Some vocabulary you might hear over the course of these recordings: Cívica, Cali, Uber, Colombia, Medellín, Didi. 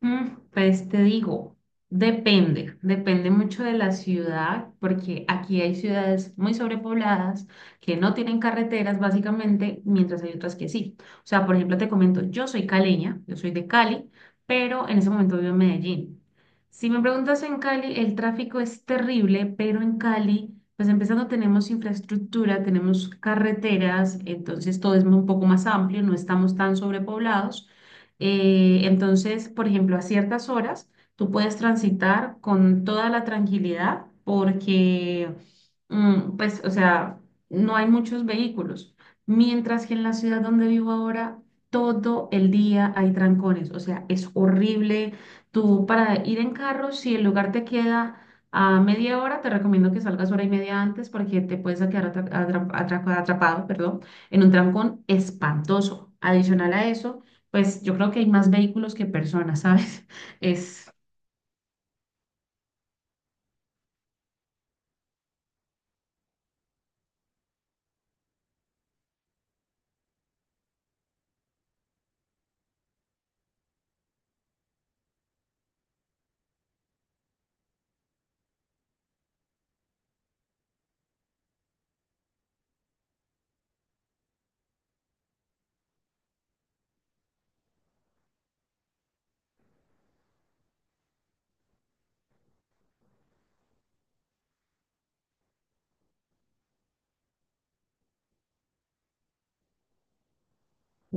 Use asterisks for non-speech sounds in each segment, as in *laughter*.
Pues te digo, depende mucho de la ciudad, porque aquí hay ciudades muy sobrepobladas que no tienen carreteras básicamente, mientras hay otras que sí. O sea, por ejemplo, te comento, yo soy caleña, yo soy de Cali, pero en ese momento vivo en Medellín. Si me preguntas en Cali, el tráfico es terrible, pero en Cali, pues empezando tenemos infraestructura, tenemos carreteras, entonces todo es un poco más amplio, no estamos tan sobrepoblados. Entonces, por ejemplo, a ciertas horas tú puedes transitar con toda la tranquilidad porque, pues, o sea, no hay muchos vehículos. Mientras que en la ciudad donde vivo ahora, todo el día hay trancones. O sea, es horrible. Tú para ir en carro, si el lugar te queda a media hora, te recomiendo que salgas hora y media antes porque te puedes quedar atrapado, perdón, en un trancón espantoso. Adicional a eso. Pues yo creo que hay más vehículos que personas, ¿sabes? *laughs* Es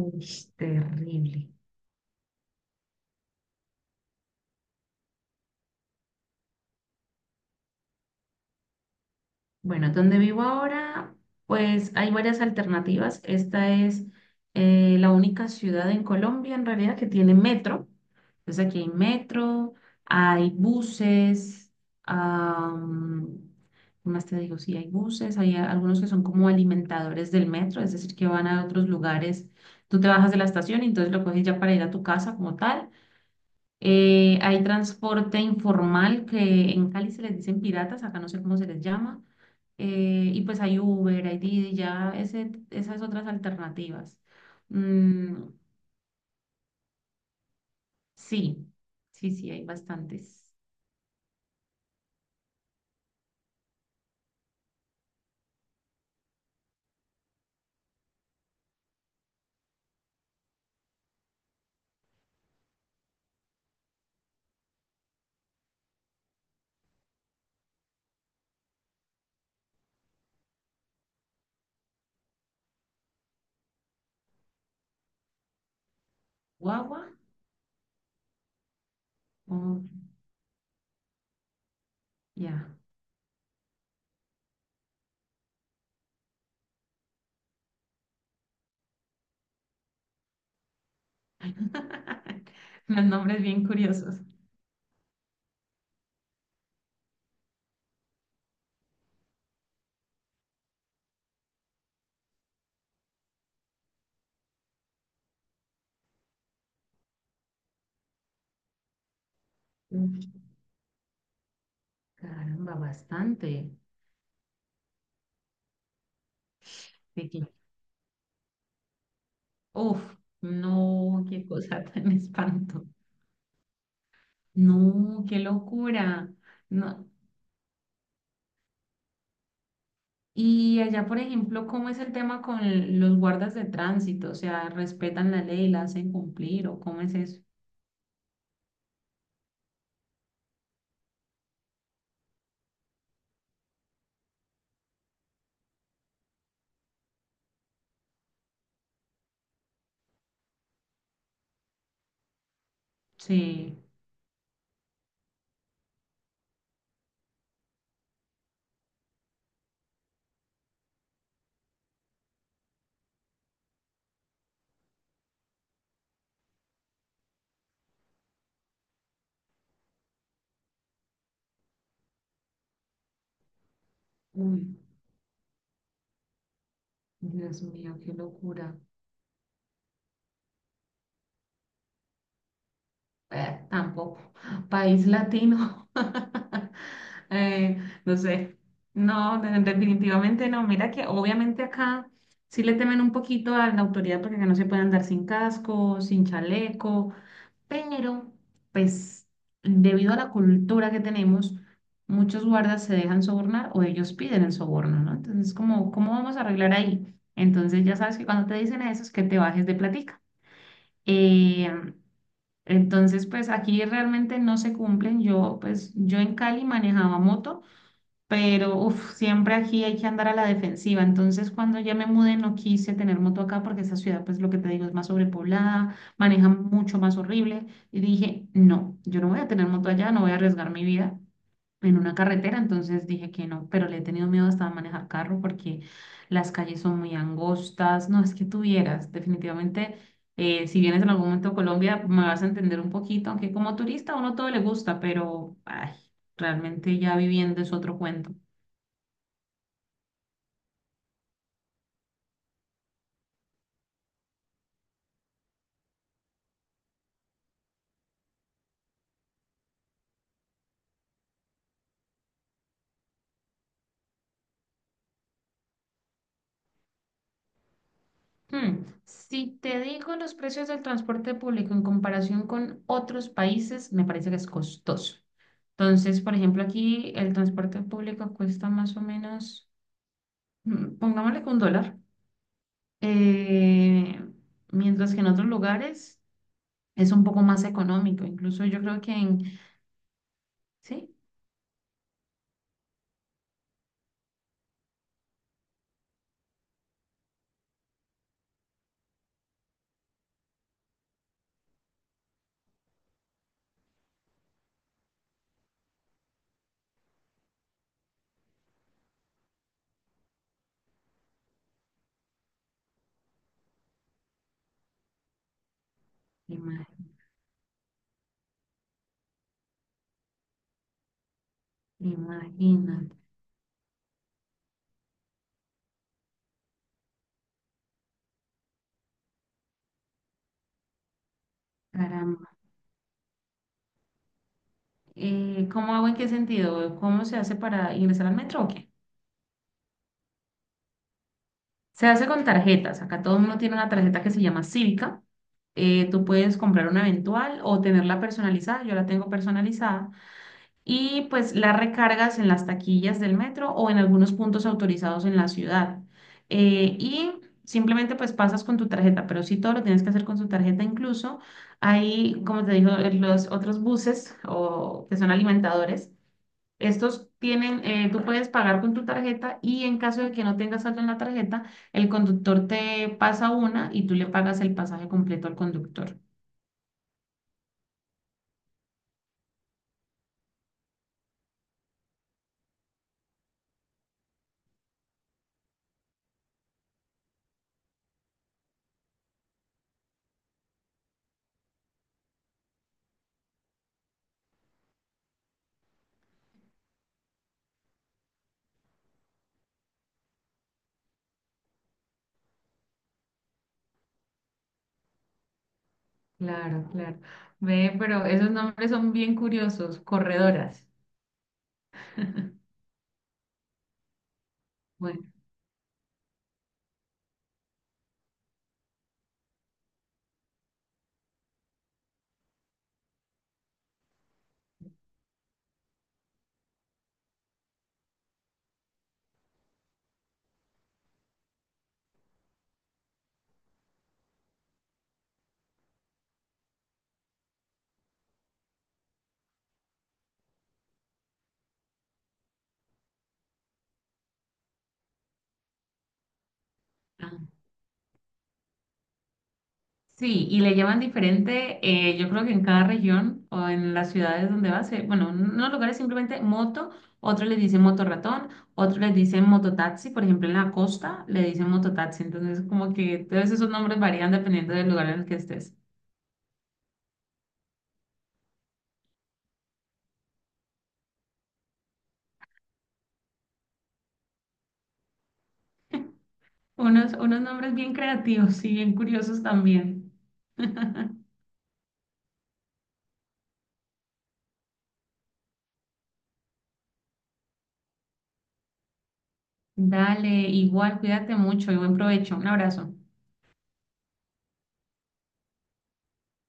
uy, terrible. Bueno, donde vivo ahora, pues hay varias alternativas. Esta es la única ciudad en Colombia, en realidad, que tiene metro. Entonces aquí hay metro, hay buses, am, ¿qué más te digo? Sí, hay buses, hay algunos que son como alimentadores del metro, es decir, que van a otros lugares. Tú te bajas de la estación y entonces lo coges ya para ir a tu casa como tal. Hay transporte informal que en Cali se les dicen piratas, acá no sé cómo se les llama. Y pues hay Uber, hay Didi, ya ese, esas otras alternativas. Mm, sí, sí, sí, hay bastantes. Guagua, oh, ya. *laughs* Los nombres bien curiosos. Uf, caramba, bastante. Pequeño. Uf, no, qué cosa *laughs* tan espanto. No, qué locura. No. Y allá, por ejemplo, ¿cómo es el tema con los guardas de tránsito? O sea, ¿respetan la ley, la hacen cumplir o cómo es eso? Sí. Uy, Dios mío, qué locura. Tampoco. País latino. *laughs* Eh, no sé. No, definitivamente no. Mira que obviamente acá sí le temen un poquito a la autoridad porque acá no se puede andar sin casco, sin chaleco. Pero pues debido a la cultura que tenemos, muchos guardas se dejan sobornar o ellos piden el soborno, ¿no? Entonces, como, ¿cómo vamos a arreglar ahí? Entonces, ya sabes que cuando te dicen eso es que te bajes de platica. Eh, entonces, pues aquí realmente no se cumplen. Yo, pues, yo en Cali manejaba moto, pero uf, siempre aquí hay que andar a la defensiva. Entonces, cuando ya me mudé, no quise tener moto acá porque esta ciudad, pues lo que te digo, es más sobrepoblada, manejan mucho más horrible. Y dije, no, yo no voy a tener moto allá, no voy a arriesgar mi vida en una carretera. Entonces dije que no, pero le he tenido miedo hasta a manejar carro porque las calles son muy angostas. No, es que tuvieras, definitivamente. Si vienes en algún momento a Colombia, me vas a entender un poquito, aunque como turista a uno todo le gusta, pero ay, realmente ya viviendo es otro cuento. Hmm, si te digo los precios del transporte público en comparación con otros países, me parece que es costoso. Entonces, por ejemplo, aquí el transporte público cuesta más o menos, pongámosle que un dólar, eh, mientras que en otros lugares es un poco más económico. Incluso yo creo que en, sí, Ima- imagínate, caramba. ¿Cómo hago en qué sentido? ¿Cómo se hace para ingresar al metro o qué? Se hace con tarjetas. Acá todo el mundo tiene una tarjeta que se llama Cívica. Tú puedes comprar una eventual o tenerla personalizada. Yo la tengo personalizada. Y pues la recargas en las taquillas del metro o en algunos puntos autorizados en la ciudad. Y simplemente pues pasas con tu tarjeta, pero sí todo lo tienes que hacer con su tarjeta. Incluso hay, como te digo, los otros buses o que son alimentadores. Estos tienen, tú puedes pagar con tu tarjeta y en caso de que no tengas saldo en la tarjeta, el conductor te pasa una y tú le pagas el pasaje completo al conductor. Claro, claro. Ve, pero esos nombres son bien curiosos, corredoras. Bueno, sí, y le llaman diferente, yo creo que en cada región o en las ciudades donde vas, bueno, en unos lugares simplemente moto, otros les dicen motorratón, otros les dicen mototaxi, por ejemplo en la costa le dicen mototaxi, entonces como que todos esos nombres varían dependiendo del lugar en el que estés. Unos, unos nombres bien creativos y bien curiosos también. Dale, igual, cuídate mucho y buen provecho. Un abrazo.